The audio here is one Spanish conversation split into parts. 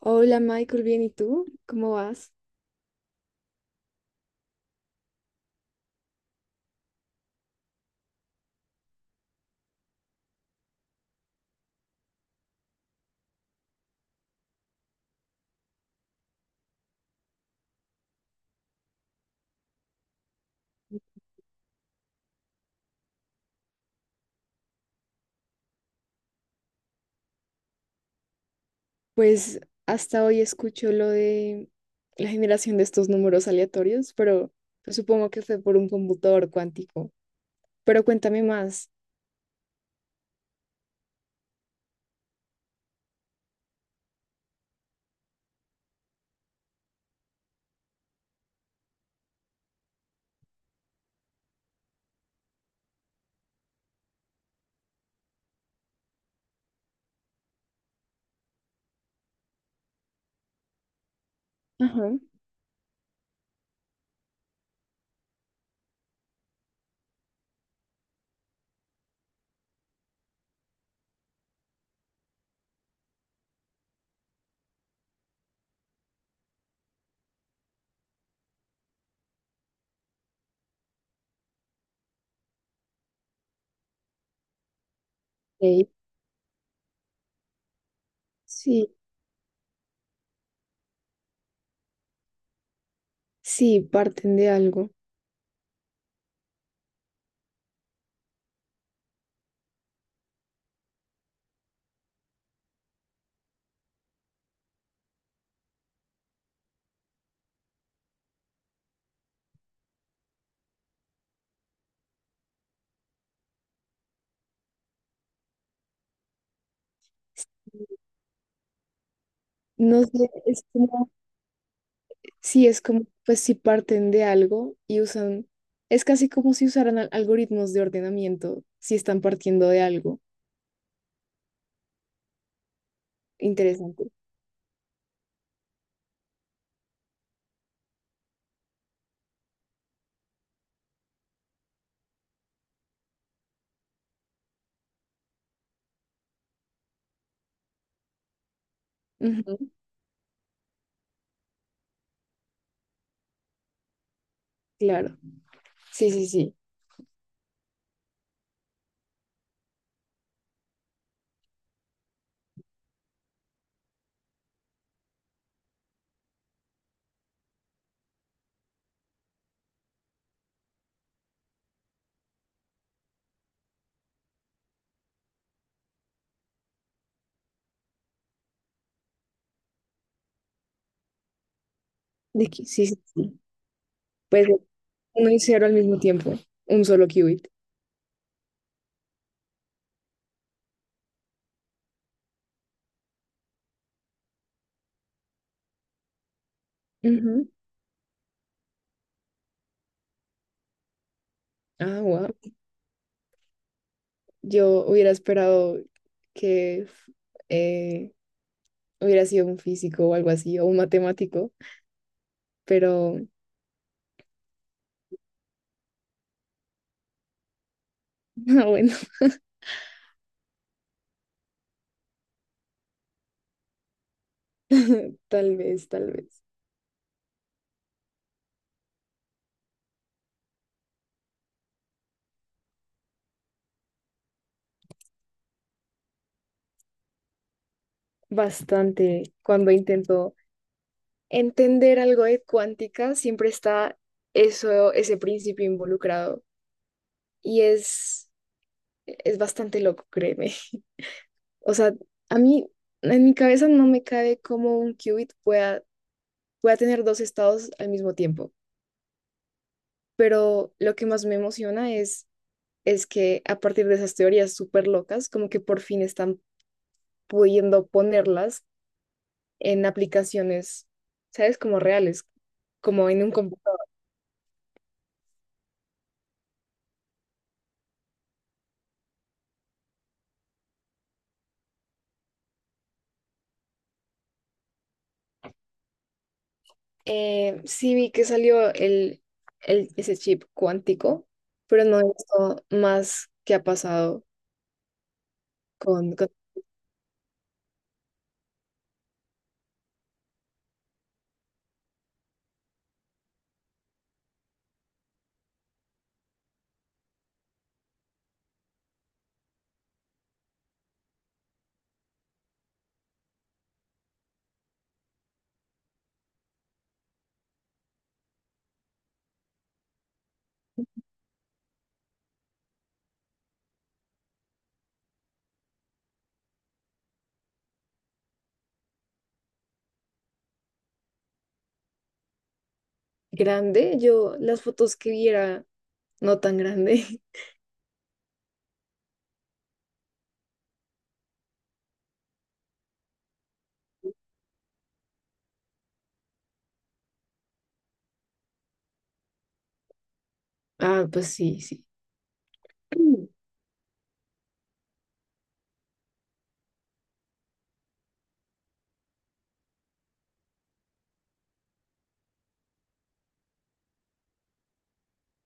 Hola Michael, bien, ¿y tú? ¿Cómo vas? Pues hasta hoy escucho lo de la generación de estos números aleatorios, pero pues, supongo que fue por un computador cuántico. Pero cuéntame más. Ajá. Ok. Sí, sí, parten de algo. No sé, es como, sí, es como, pues si parten de algo y usan, es casi como si usaran algoritmos de ordenamiento, si están partiendo de algo. Interesante. Ujú. Claro. Sí, sí, sí. Sí, sí, sí. Pues uno y cero al mismo tiempo, un solo qubit. Ujú. Ah, wow. Yo hubiera esperado que eh, hubiera sido un físico o algo así, o un matemático, pero ah, bueno, tal vez, tal vez. Bastante cuando intento entender algo de cuántica, siempre está eso, ese principio involucrado y es bastante loco, créeme. O sea, a mí en mi cabeza no me cabe cómo un qubit pueda voy a tener dos estados al mismo tiempo. Pero lo que más me emociona es que a partir de esas teorías súper locas, como que por fin están pudiendo ponerlas en aplicaciones, ¿sabes? Como reales, como en un computador. Sí vi que salió el, ese chip cuántico, pero no he visto más que ha pasado con grande. Yo las fotos que viera, no tan grande. Ah, pues sí, sí.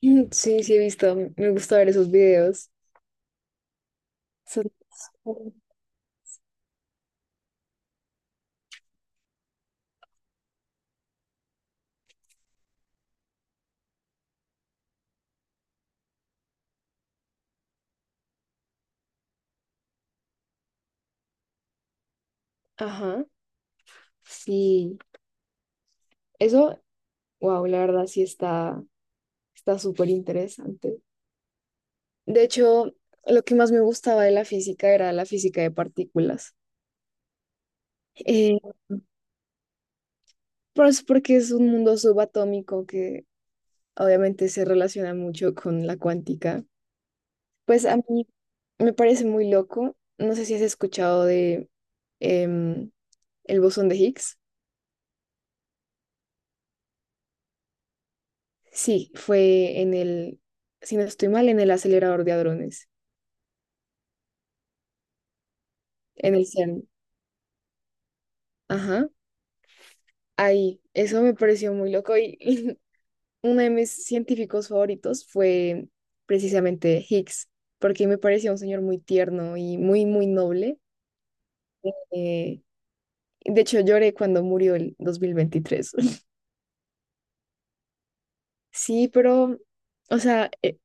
Mm, sí, sí he visto, me gusta ver esos videos. Son- Ajá, sí. Eso, wow, la verdad sí está, está súper interesante. De hecho, lo que más me gustaba de la física era la física de partículas. Eh, pues porque es un mundo subatómico que obviamente se relaciona mucho con la cuántica. Pues a mí me parece muy loco. No sé si has escuchado de em, el bosón de Higgs. Sí, fue en si no estoy mal, en el acelerador de hadrones, en el CERN. Ajá, ahí. Eso me pareció muy loco y, uno de mis científicos favoritos fue precisamente Higgs, porque me parecía un señor muy tierno y muy, muy noble. Eh, de hecho, lloré cuando murió el 2023. Sí, pero, o sea,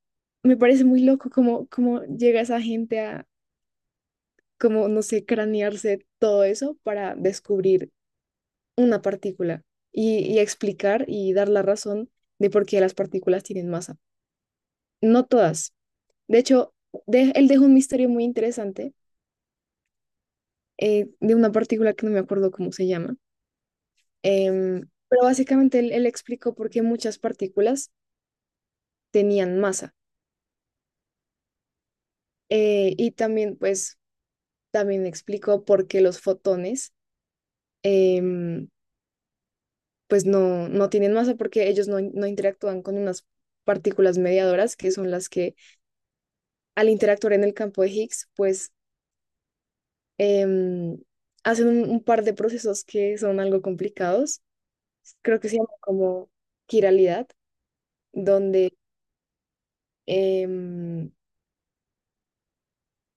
me parece muy loco cómo, cómo llega esa gente a, como, no sé, cranearse todo eso para descubrir una partícula y explicar y dar la razón de por qué las partículas tienen masa. No todas. De hecho, él dejó un misterio muy interesante de una partícula que no me acuerdo cómo se llama. Pero básicamente él, él explicó por qué muchas partículas tenían masa. Y también, pues, también explicó por qué los fotones, em, pues, no, no tienen masa porque ellos no, no interactúan con unas partículas mediadoras que son las que al interactuar en el campo de Higgs, pues em, hacen un par de procesos que son algo complicados. Creo que se llama como quiralidad, donde em,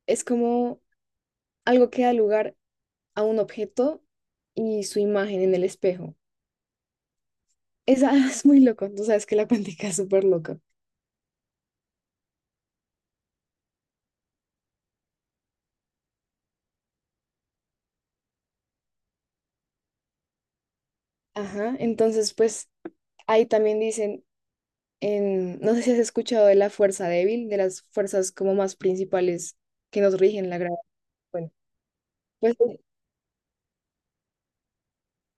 es como algo que da lugar a un objeto y su imagen en el espejo. Esa es muy loco, tú sabes que la cuántica es súper loca. Ajá, entonces pues ahí también dicen, en, no sé si has escuchado de la fuerza débil, de las fuerzas como más principales que nos rigen la gravedad. Bueno, pues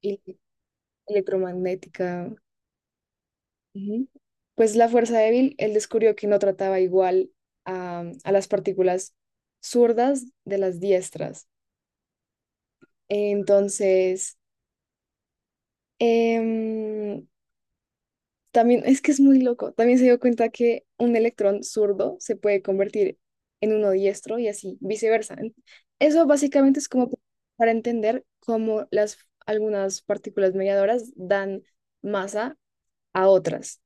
y electromagnética. Ujú. Pues la fuerza débil, él descubrió que no trataba igual a las partículas zurdas de las diestras. Entonces, em, también es que es muy loco. También se dio cuenta que un electrón zurdo se puede convertir en uno diestro y así viceversa. En- Eso básicamente es como para entender cómo las, algunas partículas mediadoras dan masa a otras.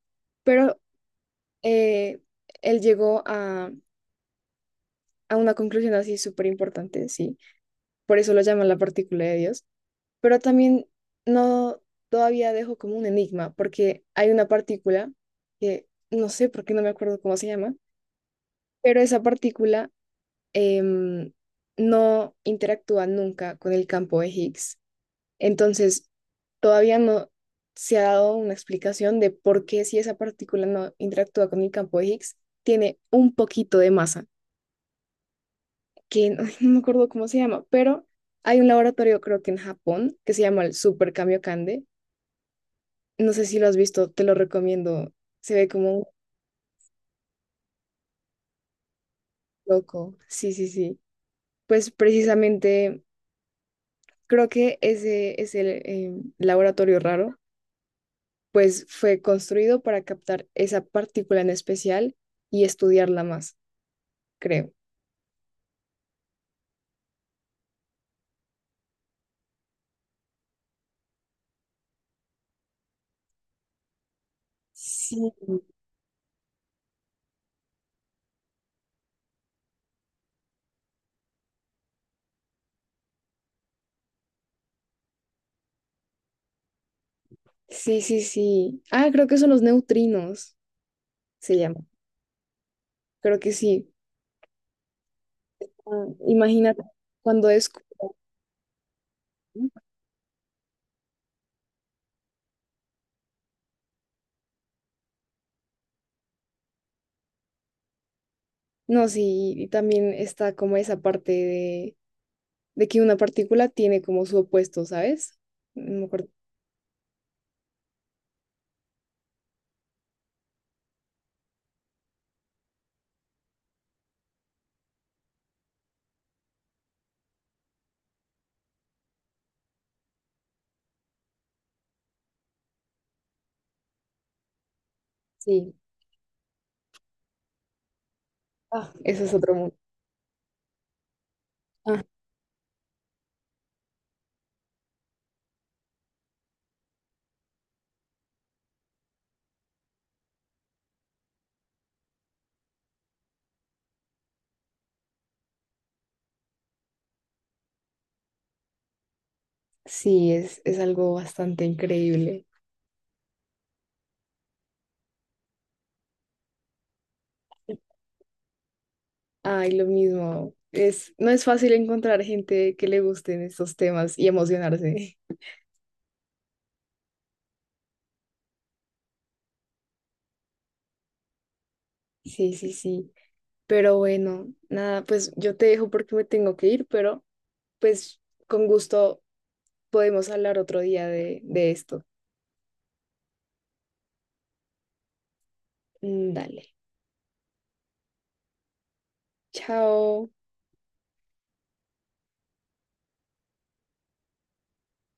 Pero eh, él llegó a una conclusión así súper importante, sí. Por eso lo llaman la partícula de Dios. Pero también no todavía dejo como un enigma, porque hay una partícula que no sé por qué no me acuerdo cómo se llama, pero esa partícula em, no interactúa nunca con el campo de Higgs. Entonces, todavía no se ha dado una explicación de por qué si esa partícula no interactúa con el campo de Higgs, tiene un poquito de masa. Que no no me acuerdo cómo se llama, pero hay un laboratorio creo que en Japón que se llama el Super Kamiokande. No sé si lo has visto, te lo recomiendo. Se ve como un loco. Sí, sí, sí. Pues precisamente creo que ese es el laboratorio raro, pues fue construido para captar esa partícula en especial y estudiarla más, creo. Sí, sí, sí, sí. Ah, creo que son los neutrinos, se llama. Creo que sí. Ah, imagínate cuando es no, sí, y también está como esa parte de que una partícula tiene como su opuesto, ¿sabes? No me acuerdo. Sí. Ah, eso es otro mundo. Ah, sí, es algo bastante increíble. Ay, lo mismo. Es, no es fácil encontrar gente que le gusten estos temas y emocionarse. Sí, sí, sí. Pero bueno, nada, pues yo te dejo porque me tengo que ir, pero pues con gusto podemos hablar otro día de esto. Mm, dale. Chao.